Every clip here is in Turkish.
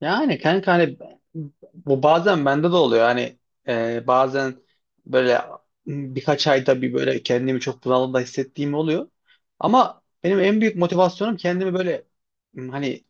Yani kanka hani bu bazen bende de oluyor. Hani bazen böyle birkaç ayda bir böyle kendimi çok bunalımda hissettiğim oluyor. Ama benim en büyük motivasyonum kendimi böyle hani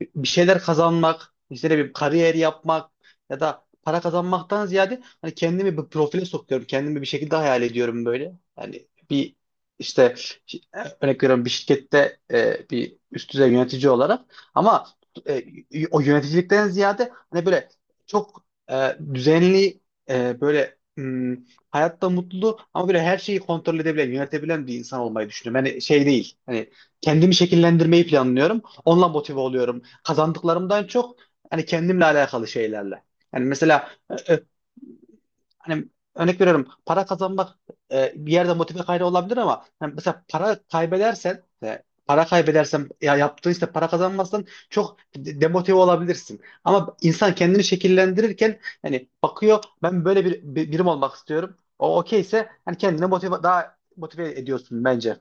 bir şeyler kazanmak, işte ne bir kariyer yapmak ya da para kazanmaktan ziyade hani kendimi bir profile sokuyorum. Kendimi bir şekilde hayal ediyorum böyle. Hani bir işte şi- örnek veriyorum bir şirkette bir üst düzey yönetici olarak ama e, o yöneticilikten ziyade hani böyle çok düzenli böyle hayatta mutlu ama böyle her şeyi kontrol edebilen, yönetebilen bir insan olmayı düşünüyorum. Hani şey değil. Hani kendimi şekillendirmeyi planlıyorum. Onunla motive oluyorum. Kazandıklarımdan çok hani kendimle alakalı şeylerle. Yani mesela e, e, hani örnek veriyorum para kazanmak bir yerde motive kaynağı olabilir ama hani mesela para kaybedersen para kaybedersen ya yaptığın işte para kazanmazsan çok demotive olabilirsin. Ama insan kendini şekillendirirken hani bakıyor ben böyle birim olmak istiyorum. O okeyse hani kendine daha motive ediyorsun bence.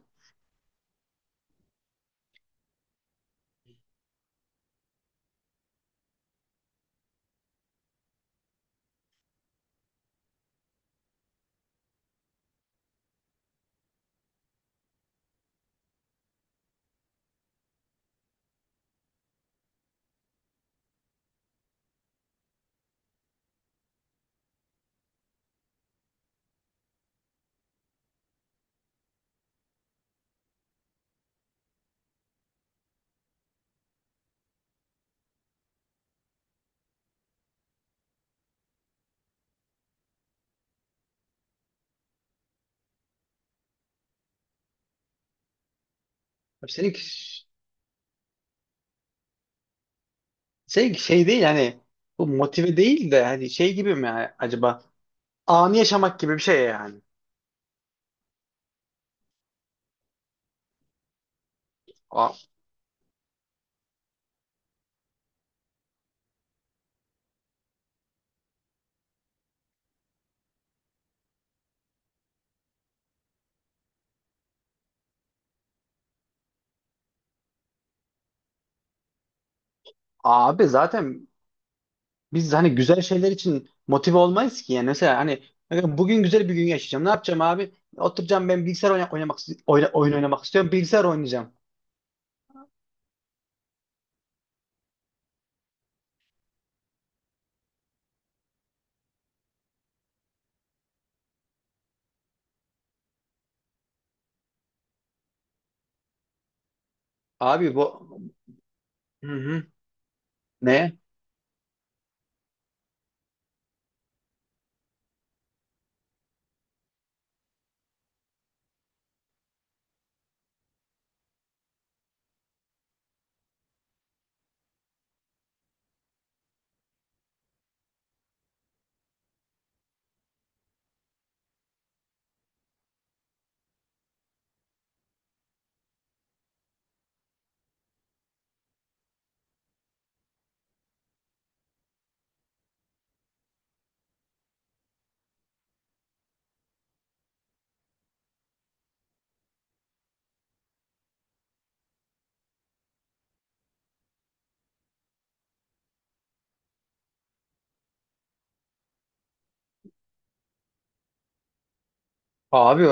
Senin şey değil hani bu motive değil de hani şey gibi mi yani acaba anı yaşamak gibi bir şey yani. A- Abi zaten biz hani güzel şeyler için motive olmayız ki yani mesela hani bugün güzel bir gün yaşayacağım. Ne yapacağım abi? Oturacağım ben bilgisayar oynamak oyun oynamak istiyorum. Bilgisayar oynayacağım. Abi bu hı hı. Ne? Abi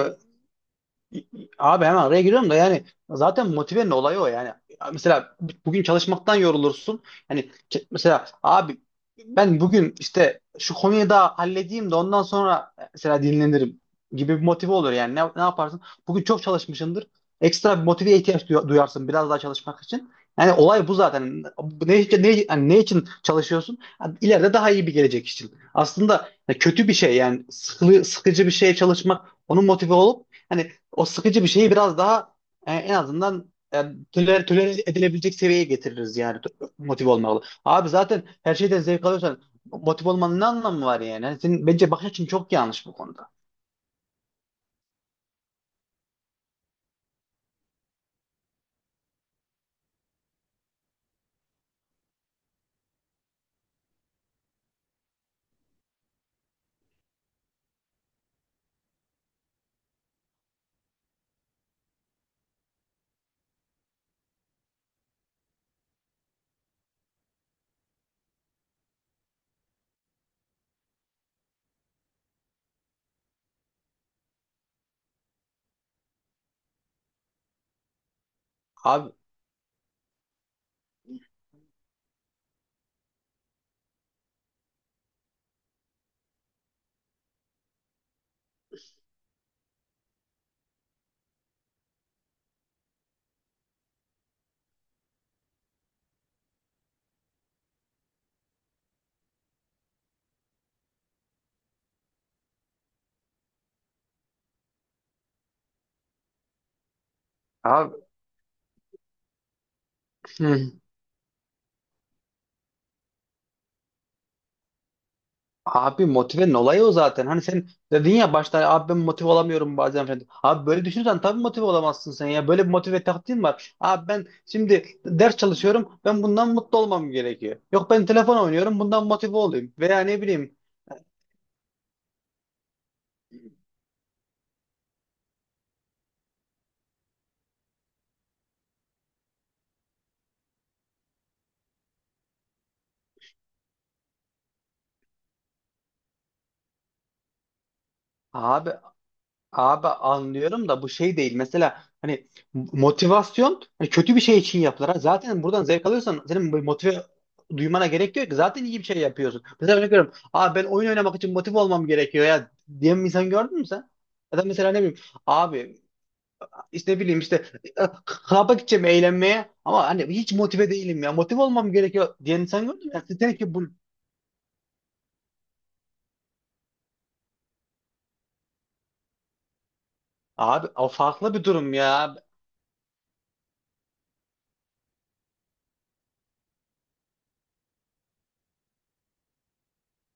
Abi hemen araya giriyorum da yani zaten motivenin olayı o yani. Mesela bugün çalışmaktan yorulursun. Yani mesela abi ben bugün işte şu konuyu da halledeyim de ondan sonra mesela dinlenirim gibi bir motive olur yani. Ne yaparsın? Bugün çok çalışmışsındır. Ekstra bir motiveye ihtiyaç duyarsın biraz daha çalışmak için. Yani olay bu zaten. Ne için çalışıyorsun? Yani ileride daha iyi bir gelecek için. Aslında kötü bir şey yani sıkıcı bir şeye çalışmak onun motive olup hani o sıkıcı bir şeyi biraz daha en azından tolere edilebilecek seviyeye getiririz yani motive olmalı. Abi zaten her şeyden zevk alıyorsan motive olmanın ne anlamı var yani? Yani senin bence bakış açın çok yanlış bu konuda. Abi abi hı, abi motivenin olayı o zaten. Hani sen dedin ya başta abi ben motive olamıyorum bazen falan. Abi böyle düşünürsen tabii motive olamazsın sen ya. Böyle bir motive taktiğin var. Abi ben şimdi ders çalışıyorum. Ben bundan mutlu olmam gerekiyor. Yok ben telefon oynuyorum. Bundan motive olayım. Veya ne bileyim. Abi Abi anlıyorum da bu şey değil. Mesela hani motivasyon hani kötü bir şey için yapılır. Ha, zaten buradan zevk alıyorsan senin bu motive duymana gerek yok ki. Zaten iyi bir şey yapıyorsun. Mesela örnek veriyorum. Abi ben oyun oynamak için motive olmam gerekiyor ya diyen bir insan gördün mü sen? Ya da mesela ne bileyim abi işte ne bileyim işte klaba gideceğim eğlenmeye ama hani hiç motive değilim ya. Motive olmam gerekiyor diyen insan gördün mü? Yani ki bu abi o farklı bir durum ya.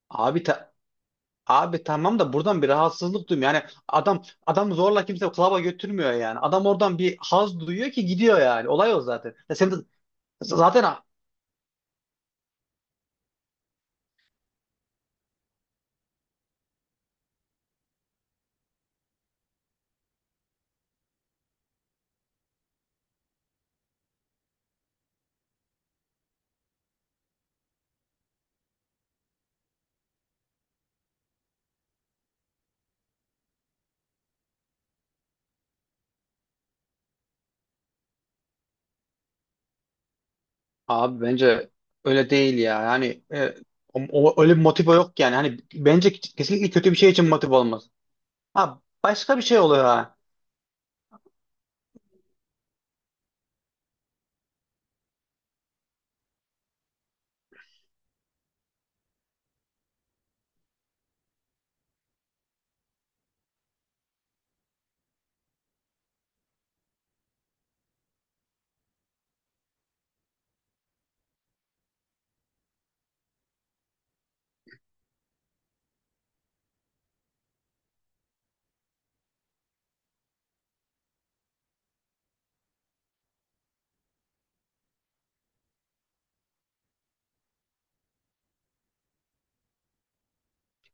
Abi ta- Abi tamam da buradan bir rahatsızlık duymuyor. Yani adam zorla kimse klaba götürmüyor yani. Adam oradan bir haz duyuyor ki gidiyor yani. Olay o zaten. Ya sen de zaten abi bence öyle değil ya. Yani öyle bir motive yok yani. Hani bence kesinlikle kötü bir şey için motive olmaz. Ha başka bir şey oluyor ha.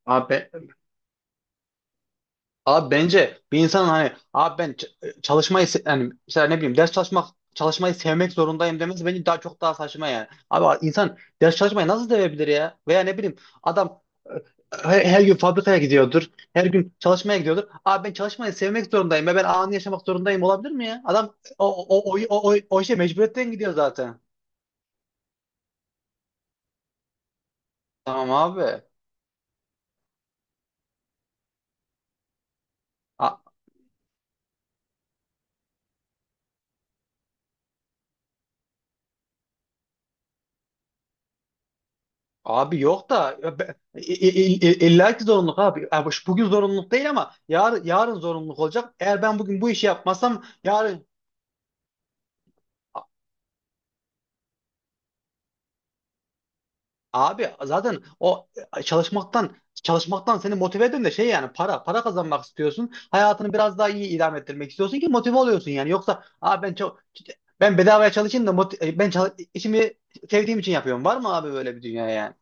Abi Abi bence bir insanın hani abi ben çalışmayı yani mesela ne bileyim ders çalışmak çalışmayı sevmek zorundayım demesi bence daha çok daha saçma yani. Abi insan ders çalışmayı nasıl sevebilir ya? Veya ne bileyim adam her gün fabrikaya gidiyordur. Her gün çalışmaya gidiyordur. Abi ben çalışmayı sevmek zorundayım ve ben anı yaşamak zorundayım olabilir mi ya? Adam o işe mecburiyetten gidiyor zaten. Tamam abi. Abi yok da ya illa ki zorunluluk abi. Yani bugün zorunluluk değil ama yarın zorunluluk olacak. Eğer ben bugün bu işi yapmazsam yarın A- abi zaten o e, çalışmaktan çalışmaktan seni motive eden de şey yani para kazanmak istiyorsun. Hayatını biraz daha iyi idame ettirmek istiyorsun ki motive oluyorsun yani. Yoksa abi ben çok ben bedavaya çalışayım da ben işimi sevdiğim için yapıyorum. Var mı abi böyle bir dünya yani?